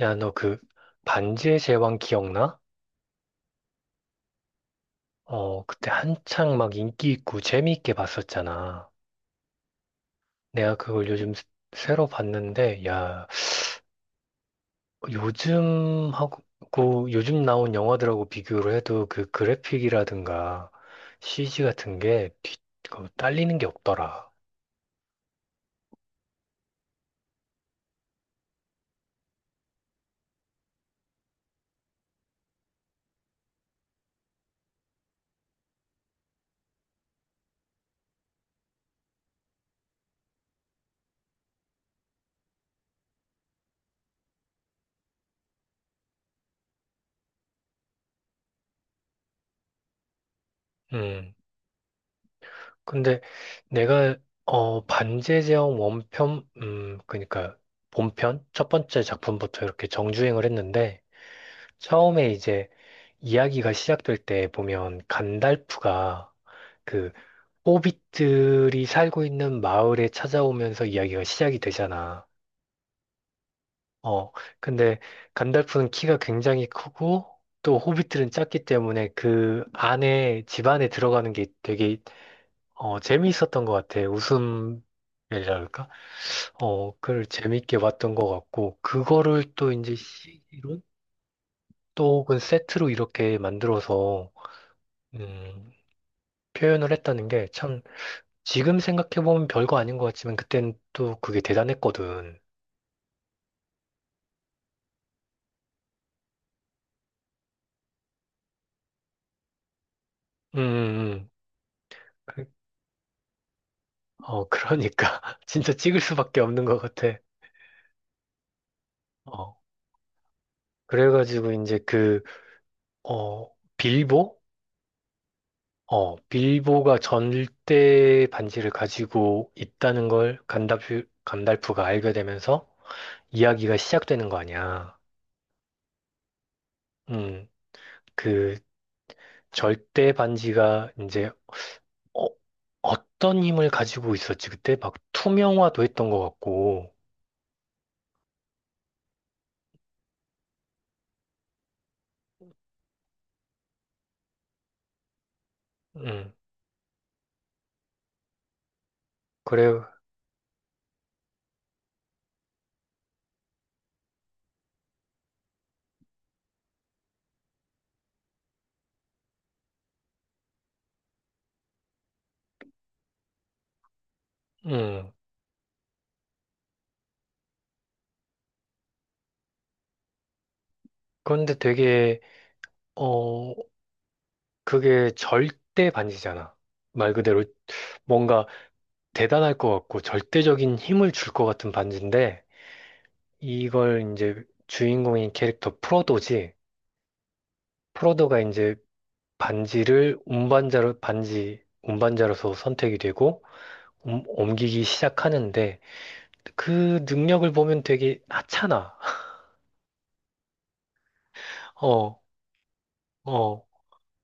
야, 너 그 반지의 제왕 기억나? 어, 그때 한창 막 인기 있고 재미있게 봤었잖아. 내가 그걸 요즘 새로 봤는데, 야, 요즘 하고 요즘 나온 영화들하고 비교를 해도 그 그래픽이라든가 CG 같은 게 그 딸리는 게 없더라. 음, 근데 내가 반지의 제왕 원편, 그러니까 본편 첫 번째 작품부터 이렇게 정주행을 했는데 처음에 이제 이야기가 시작될 때 보면 간달프가 그 호빗들이 살고 있는 마을에 찾아오면서 이야기가 시작이 되잖아. 어, 근데 간달프는 키가 굉장히 크고 또 호빗들은 작기 때문에 그 안에 집 안에 들어가는 게 되게 재미있었던 것 같아. 웃음이라 할까? 어, 그걸 재미있게 봤던 것 같고 그거를 또 이제 시 g 로 또 혹은 세트로 이렇게 만들어서 음, 표현을 했다는 게참 지금 생각해보면 별거 아닌 것 같지만 그땐 또 그게 대단했거든. 음, 음, 음. 그- 어, 그러니까. 진짜 찍을 수밖에 없는 것 같아. 어, 그래가지고 이제 그, 어, 빌보? 어, 빌보가 전대 반지를 가지고 있다는 걸 간달프가 알게 되면서 이야기가 시작되는 거 아니야. 음, 그 절대 반지가 이제 어, 어떤 힘을 가지고 있었지? 그때 막 투명화도 했던 것 같고. 음, 그래요. 음, 그런데 되게, 어, 그게 절대 반지잖아. 말 그대로 뭔가 대단할 것 같고 절대적인 힘을 줄 것 같은 반지인데, 이걸 이제 주인공인 캐릭터 프로도지, 프로도가 이제 반지, 운반자로서 선택이 되고, 옮기기 시작하는데, 그 능력을 보면 되게 하찮아. 어, 어,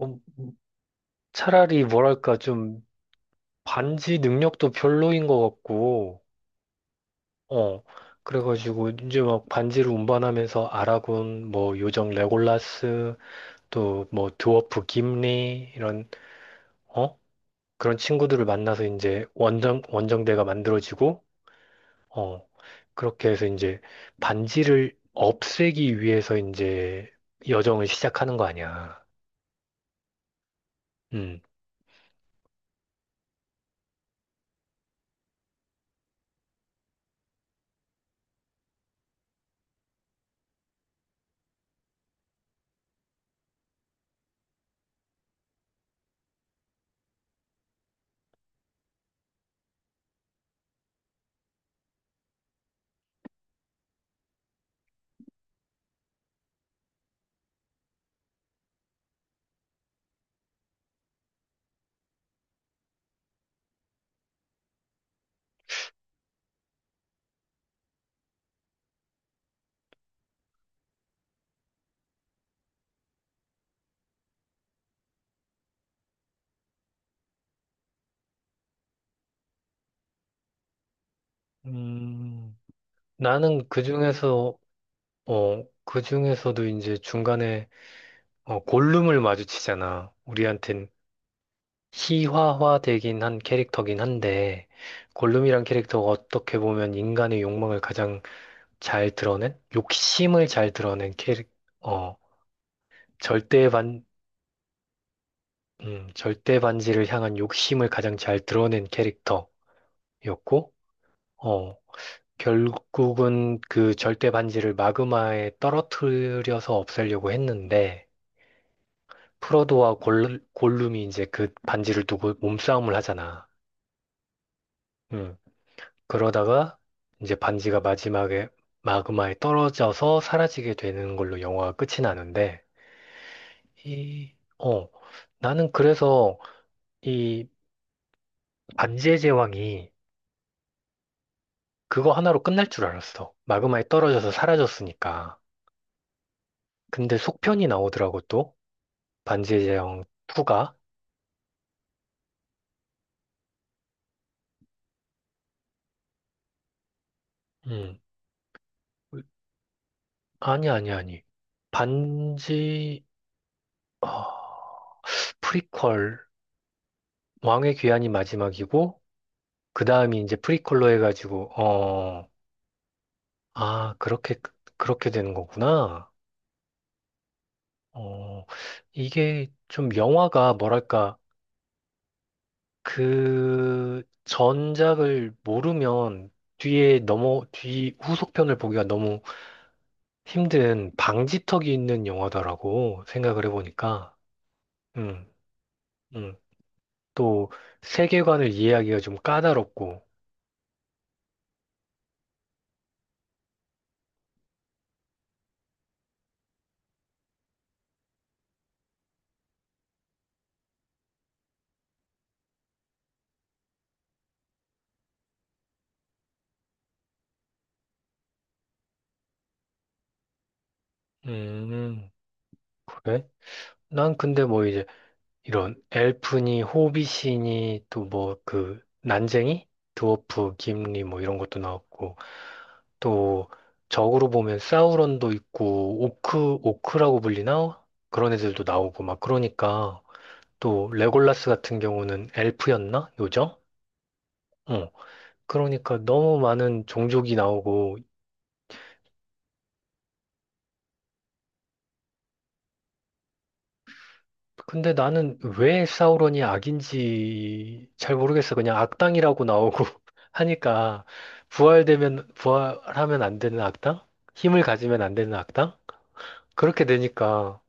음, 차라리 뭐랄까 좀 반지 능력도 별로인 것 같고, 어, 그래가지고 이제 막 반지를 운반하면서 아라곤, 뭐 요정 레골라스, 또 뭐 드워프 김리 이런 어 그런 친구들을 만나서 이제 원정대가 만들어지고, 어 그렇게 해서 이제 반지를 없애기 위해서 이제 여정을 시작하는 거 아니야. 음. 음, 나는 그 중에서, 어, 그 중에서도 이제 중간에 어, 골룸을 마주치잖아. 우리한텐 희화화되긴 한 캐릭터긴 한데, 골룸이란 캐릭터가 어떻게 보면 인간의 욕망을 가장 잘 드러낸, 욕심을 잘 드러낸 캐릭, 어, 절대 반, 절대 반지를 향한 욕심을 가장 잘 드러낸 캐릭터였고, 어, 결국은 그 절대 반지를 마그마에 떨어뜨려서 없애려고 했는데, 프로도와 골룸이 이제 그 반지를 두고 몸싸움을 하잖아. 음. 그러다가 이제 반지가 마지막에 마그마에 떨어져서 사라지게 되는 걸로 영화가 끝이 나는데, 이, 어, 나는 그래서 이 반지의 제왕이 그거 하나로 끝날 줄 알았어. 마그마에 떨어져서 사라졌으니까. 근데 속편이 나오더라고 또. 반지의 제왕 2가. 음. 아니, 아니, 아니. 반지, 어, 프리퀄, 왕의 귀환이 마지막이고, 그 다음이 이제 프리퀄로 해가지고, 어... 아, 그렇게, 그렇게 되는 거구나. 어, 이게 좀 영화가 뭐랄까, 그 전작을 모르면 뒤 후속편을 보기가 너무 힘든 방지턱이 있는 영화다라고 생각을 해보니까, 음, 음, 또 세계관을 이해하기가 좀 까다롭고, 음, 그래? 난 근데 뭐 이제 이런 엘프니, 호빗이니, 또 뭐 그 난쟁이, 드워프, 김리 뭐 이런 것도 나왔고 또 적으로 보면 사우론도 있고 오크라고 불리나? 그런 애들도 나오고 막 그러니까 또 레골라스 같은 경우는 엘프였나? 요정? 어. 그러니까 너무 많은 종족이 나오고 근데 나는 왜 사우론이 악인지 잘 모르겠어. 그냥 악당이라고 나오고 하니까 부활되면 부활하면 안 되는 악당? 힘을 가지면 안 되는 악당? 그렇게 되니까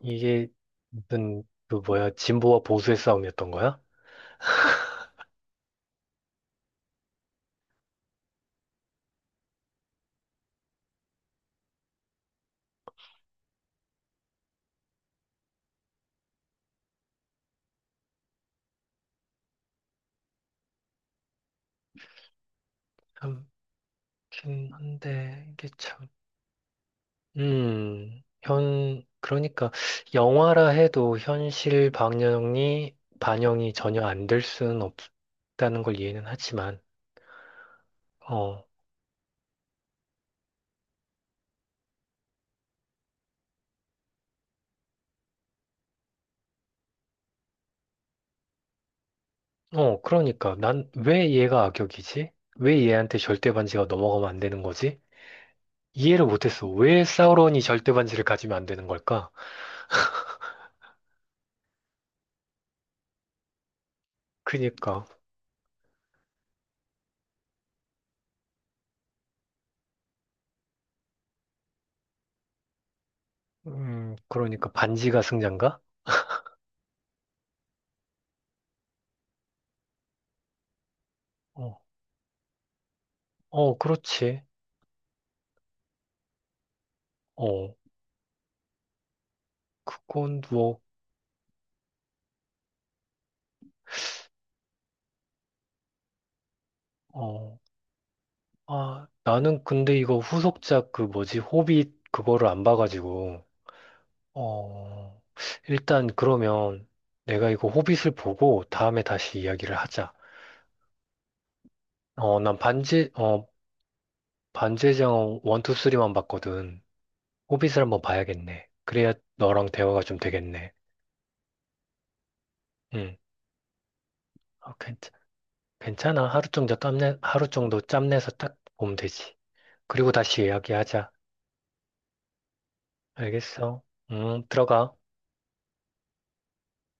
이게 무슨 그 뭐야 진보와 보수의 싸움이었던 거야? 참긴 한데 이게 참 현 그러니까 영화라 해도 현실 방영이 반영이 전혀 안 될 수는 없다는 걸 이해는 하지만 어. 어, 그러니까 난 왜 얘가 악역이지? 왜 얘한테 절대 반지가 넘어가면 안 되는 거지? 이해를 못했어. 왜 사우론이 절대 반지를 가지면 안 되는 걸까? 그니까, 그러니까 반지가 승자인가? 어, 어, 그렇지. 어, 그건 뭐, 어, 아, 나는 근데 이거 후속작 그 뭐지, 호빗 그거를 안 봐가지고, 어, 일단 그러면 내가 이거 호빗을 보고 다음에 다시 이야기를 하자. 어, 난 반지, 어, 반지의 제왕 1, 2, 3만 봤거든. 호빗을 한번 봐야겠네. 그래야 너랑 대화가 좀 되겠네. 응. 어, 괜찮아. 하루 정도 짬내서 딱 보면 되지. 그리고 다시 이야기하자. 알겠어? 응, 들어가.